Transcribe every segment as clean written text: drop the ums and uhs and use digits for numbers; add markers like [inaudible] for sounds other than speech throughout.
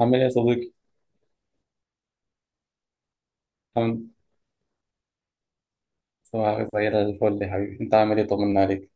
عامل ايه يا صديقي؟ الحمد. صباحك زي الفل يا حبيبي، انت عامل ايه طمنا عليك؟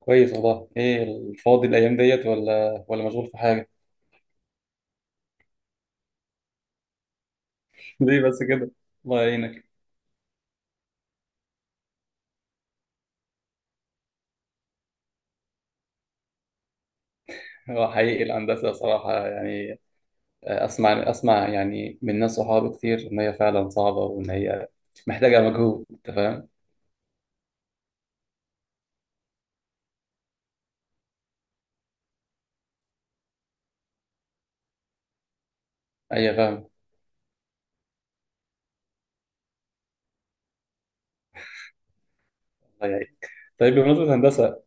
كويس والله، ايه الفاضي الأيام ديت ولا مشغول في حاجة؟ [laughs] ليه بس كده؟ الله يعينك. هو حقيقي الهندسة صراحة يعني أسمع يعني من ناس صحابي كتير إن هي فعلا صعبة وإن هي محتاجة مجهود، أنت فاهم؟ أيوة فاهم. الله يعينك. طيب بمناسبة الهندسة،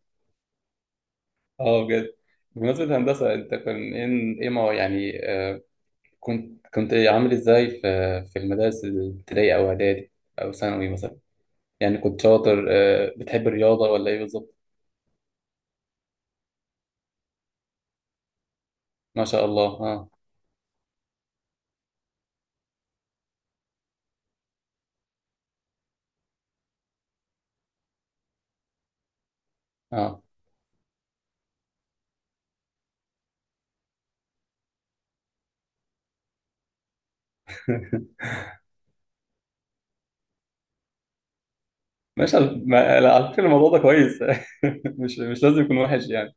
أه بجد، بمناسبة الهندسة أنت كان إيه ما يعني كنت عامل ازاي في في المدارس الابتدائي او اعدادي او ثانوي مثلا يعني كنت شاطر بتحب الرياضه ولا ايه بالظبط؟ ما شاء الله. اه. اه. [laughs] ماشي على لا، على فكره الموضوع ده كويس. [laughs] مش لازم يكون وحش يعني.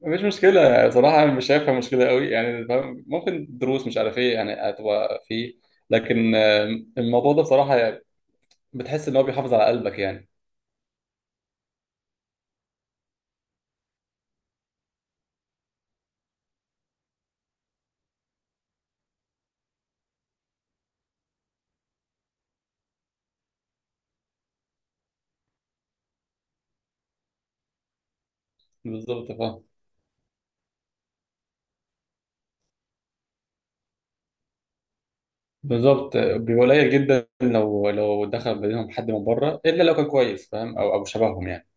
مفيش مشكله بصراحه، انا مش شايفها مشكله قوي يعني فاهم؟ ممكن دروس مش عارف ايه يعني هتبقى فيه، لكن الموضوع ده بصراحه بتحس ان هو بيحافظ على قلبك يعني. بالظبط. بالظبط بيبقى قليل جدا لو دخل بينهم حد من بره الا لو كان كويس فاهم او شبههم يعني.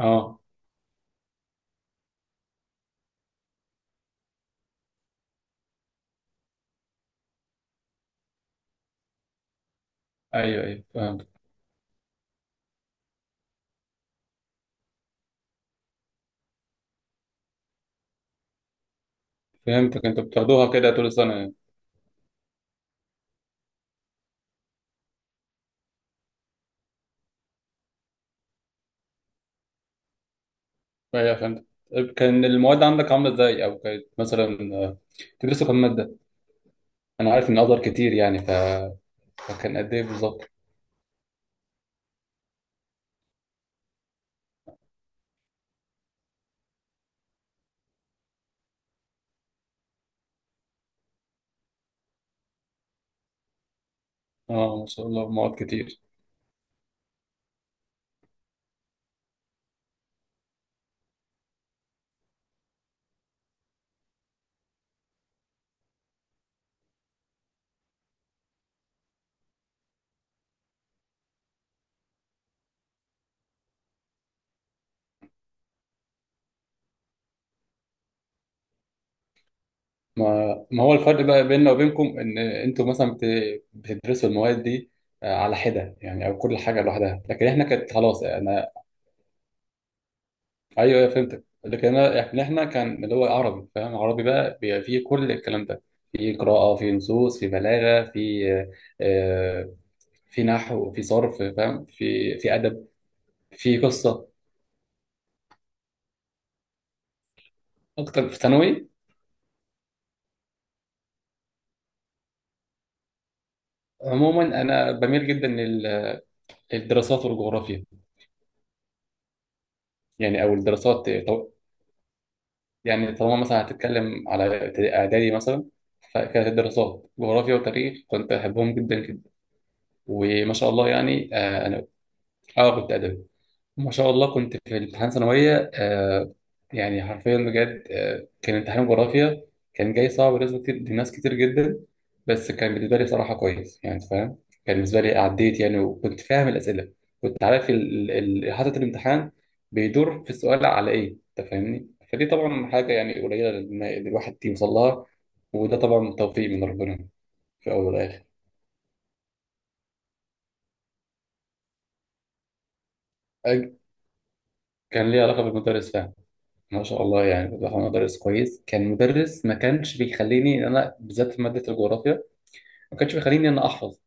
اه. ايوه ايوه فهمت. فهمتك انت بتاخدوها كده طول السنه يعني. ايوه فهمت. طيب كان المواد عندك عامله ازاي او كانت مثلا تدرسوا كم ماده؟ انا عارف ان ازهر كتير يعني فكان قد ايه بالظبط؟ اه ما شاء الله مواد كتير. ما ما هو الفرق بقى بيننا وبينكم ان انتوا مثلا بتدرسوا المواد دي على حده يعني او كل حاجه لوحدها، لكن احنا كانت خلاص انا ايوه ايوه فهمتك، لكن انا احنا كان اللي هو عربي، فاهم عربي بقى بيبقى فيه كل الكلام ده، في قراءة في نصوص في بلاغة في آه، في نحو في صرف فاهم في في أدب في قصة. أكتر في ثانوي عموما أنا بميل جدا للدراسات والجغرافيا. يعني أو الدراسات يعني طالما مثلا هتتكلم على إعدادي مثلا فكانت الدراسات جغرافيا وتاريخ كنت أحبهم جدا جدا، وما شاء الله يعني أنا أه كنت أدبي. ما شاء الله كنت في امتحان ثانوية آه، يعني حرفيا بجد آه كان امتحان جغرافيا كان جاي صعب بالنسبة كتير لناس كتير جدا، بس كان بالنسبة لي صراحة كويس يعني أنت فاهم، كان بالنسبة لي عديت يعني وكنت فاهم الأسئلة، كنت عارف حاطط الامتحان بيدور في السؤال على إيه أنت فاهمني، فدي طبعا حاجة يعني قليلة للواحد يوصل لها، وده طبعا توفيق من ربنا في الأول والآخر. أج- كان ليه علاقة بالمدرس فعلا. ما شاء الله يعني بصراحة مدرس كويس، كان مدرس ما كانش بيخليني إن أنا بالذات في مادة الجغرافيا ما كانش بيخليني إن أنا أحفظ.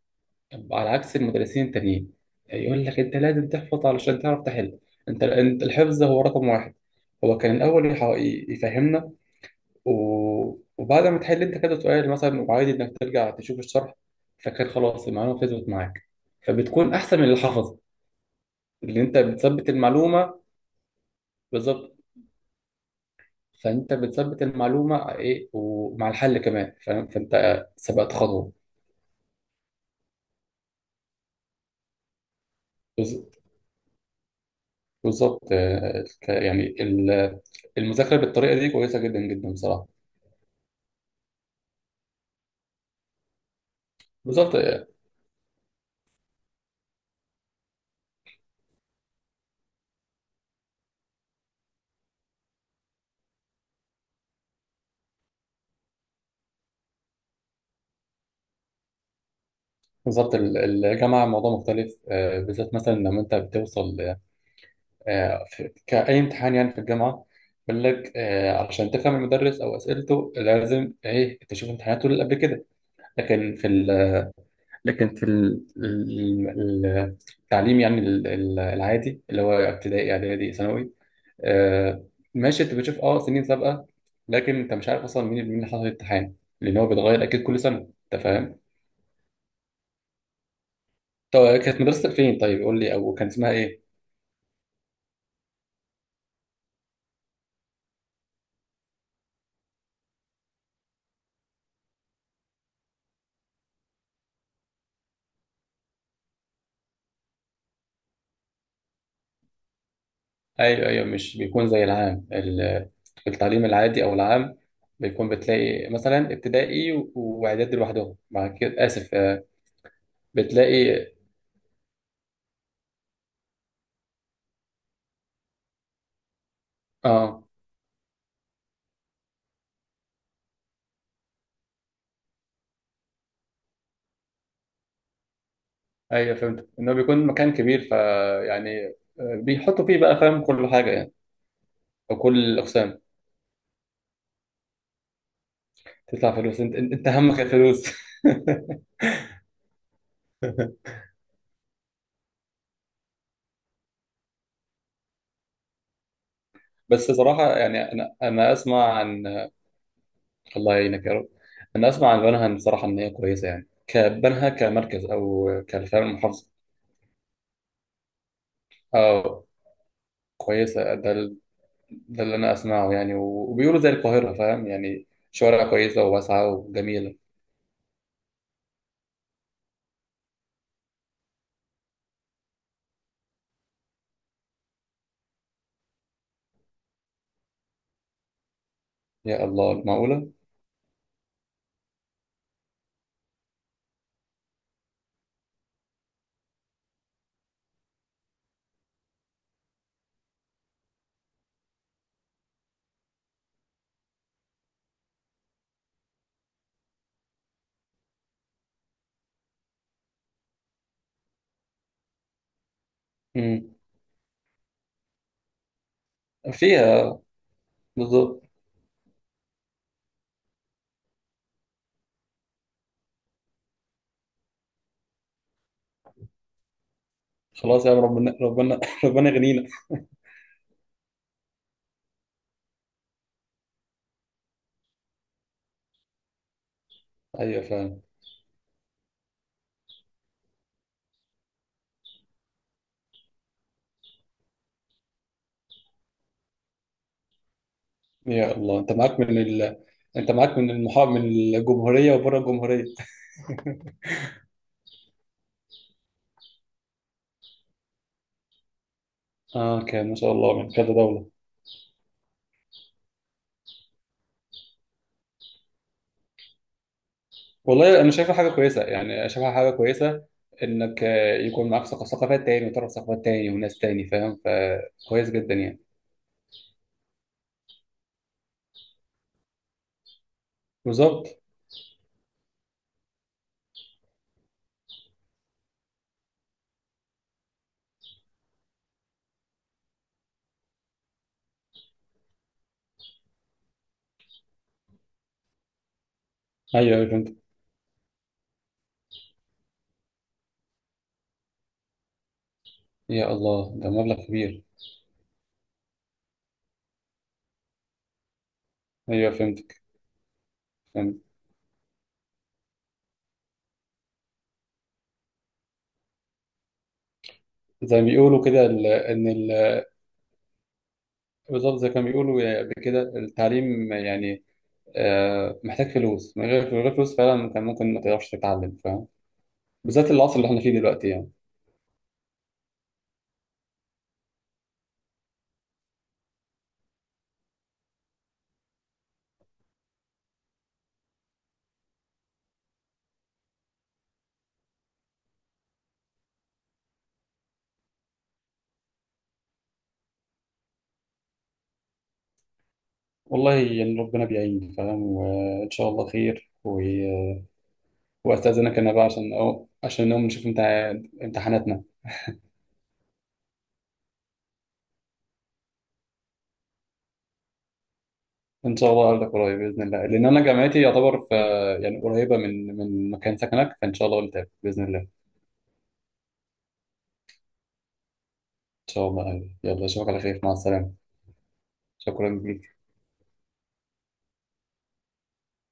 على عكس المدرسين التانيين يقول لك أنت لازم تحفظ علشان تعرف تحل. أنت الحفظ هو رقم واحد. هو كان الأول يفهمنا، و... وبعد ما تحل أنت كذا سؤال مثلا، وعادي إنك ترجع تشوف الشرح، فكان خلاص المعلومة فضلت معاك، فبتكون أحسن من اللي حفظ، اللي أنت بتثبت المعلومة. بالظبط. فانت بتثبت المعلومه ايه ومع الحل كمان فاهم، فانت سبقت خطوه. بز- بالظبط يعني المذاكره بالطريقه دي كويسه جدا جدا بصراحه. بالظبط بالظبط الجامعه موضوع مختلف بالذات مثلا لما انت بتوصل كاي امتحان يعني في الجامعه بيقول لك علشان تفهم المدرس او اسئلته لازم ايه تشوف امتحاناته اللي قبل كده. لكن في ال لكن في التعليم يعني العادي اللي هو ابتدائي اعدادي ثانوي آه، ماشي انت بتشوف اه سنين سابقه، لكن انت مش عارف اصلا مين اللي حصل الامتحان لان هو بيتغير اكيد كل سنه، انت فاهم. طب كانت مدرستك فين طيب قول لي او كان اسمها ايه؟ ايوه ايوه مش بيكون زي العام التعليم العادي او العام، بيكون بتلاقي مثلا ابتدائي واعدادي لوحدهم بعد كده اسف بتلاقي. اه ايوه فهمت ان هو بيكون مكان كبير فيعني بيحطوا فيه بقى فاهم كل حاجه يعني او كل الاقسام. تدفع فلوس انت أنت همك الفلوس. [laughs] بس صراحه يعني انا اسمع عن الله يعينك يا رب، انا اسمع عن بنها صراحه ان هي كويسه يعني كبنها كمركز او كفعل المحافظه. اه كويسه ده ده اللي انا اسمعه يعني، وبيقولوا زي القاهره فاهم يعني شوارع كويسه وواسعه وجميله. يا الله معقوله. امم. فيها. بالظبط. خلاص يا عم ربنا ربنا [laughs] ربنا يغنينا. ايوه فعلا. يا الله انت معاك من ال… انت معاك من المحا… من الجمهوريه وبره الجمهوريه. اه كان ما شاء الله من كذا دوله. والله انا شايفها حاجه كويسه يعني شايفها حاجه كويسه، انك يكون معاك ثقافات تاني وتعرف ثقافات تاني وناس تاني فاهم، فكويس جدا يعني. بالظبط. ايوه أيوة، فهمت. يا الله ده مبلغ كبير. ايوه فهمتك. فهمت. زي ما بيقولوا كده ال… ان ال… بالظبط زي ما كانوا بيقولوا كده التعليم يعني محتاج فلوس، من غير من غير فلوس فعلا كان ممكن ما تقدرش تتعلم فاهم، بالذات العصر اللي احنا فيه دلوقتي يعني. والله يعني ربنا بيعين فاهم، وان شاء الله خير و… واستاذنك انا بقى عشان أو… عشان نقوم نشوف امت… امتحاناتنا. ان شاء الله اقابلك قريب باذن الله، لان انا جامعتي يعتبر في يعني قريبه من من مكان سكنك، فان شاء الله قلت باذن الله ان شاء الله. يلا اشوفك على خير مع السلامه. شكرا ليك.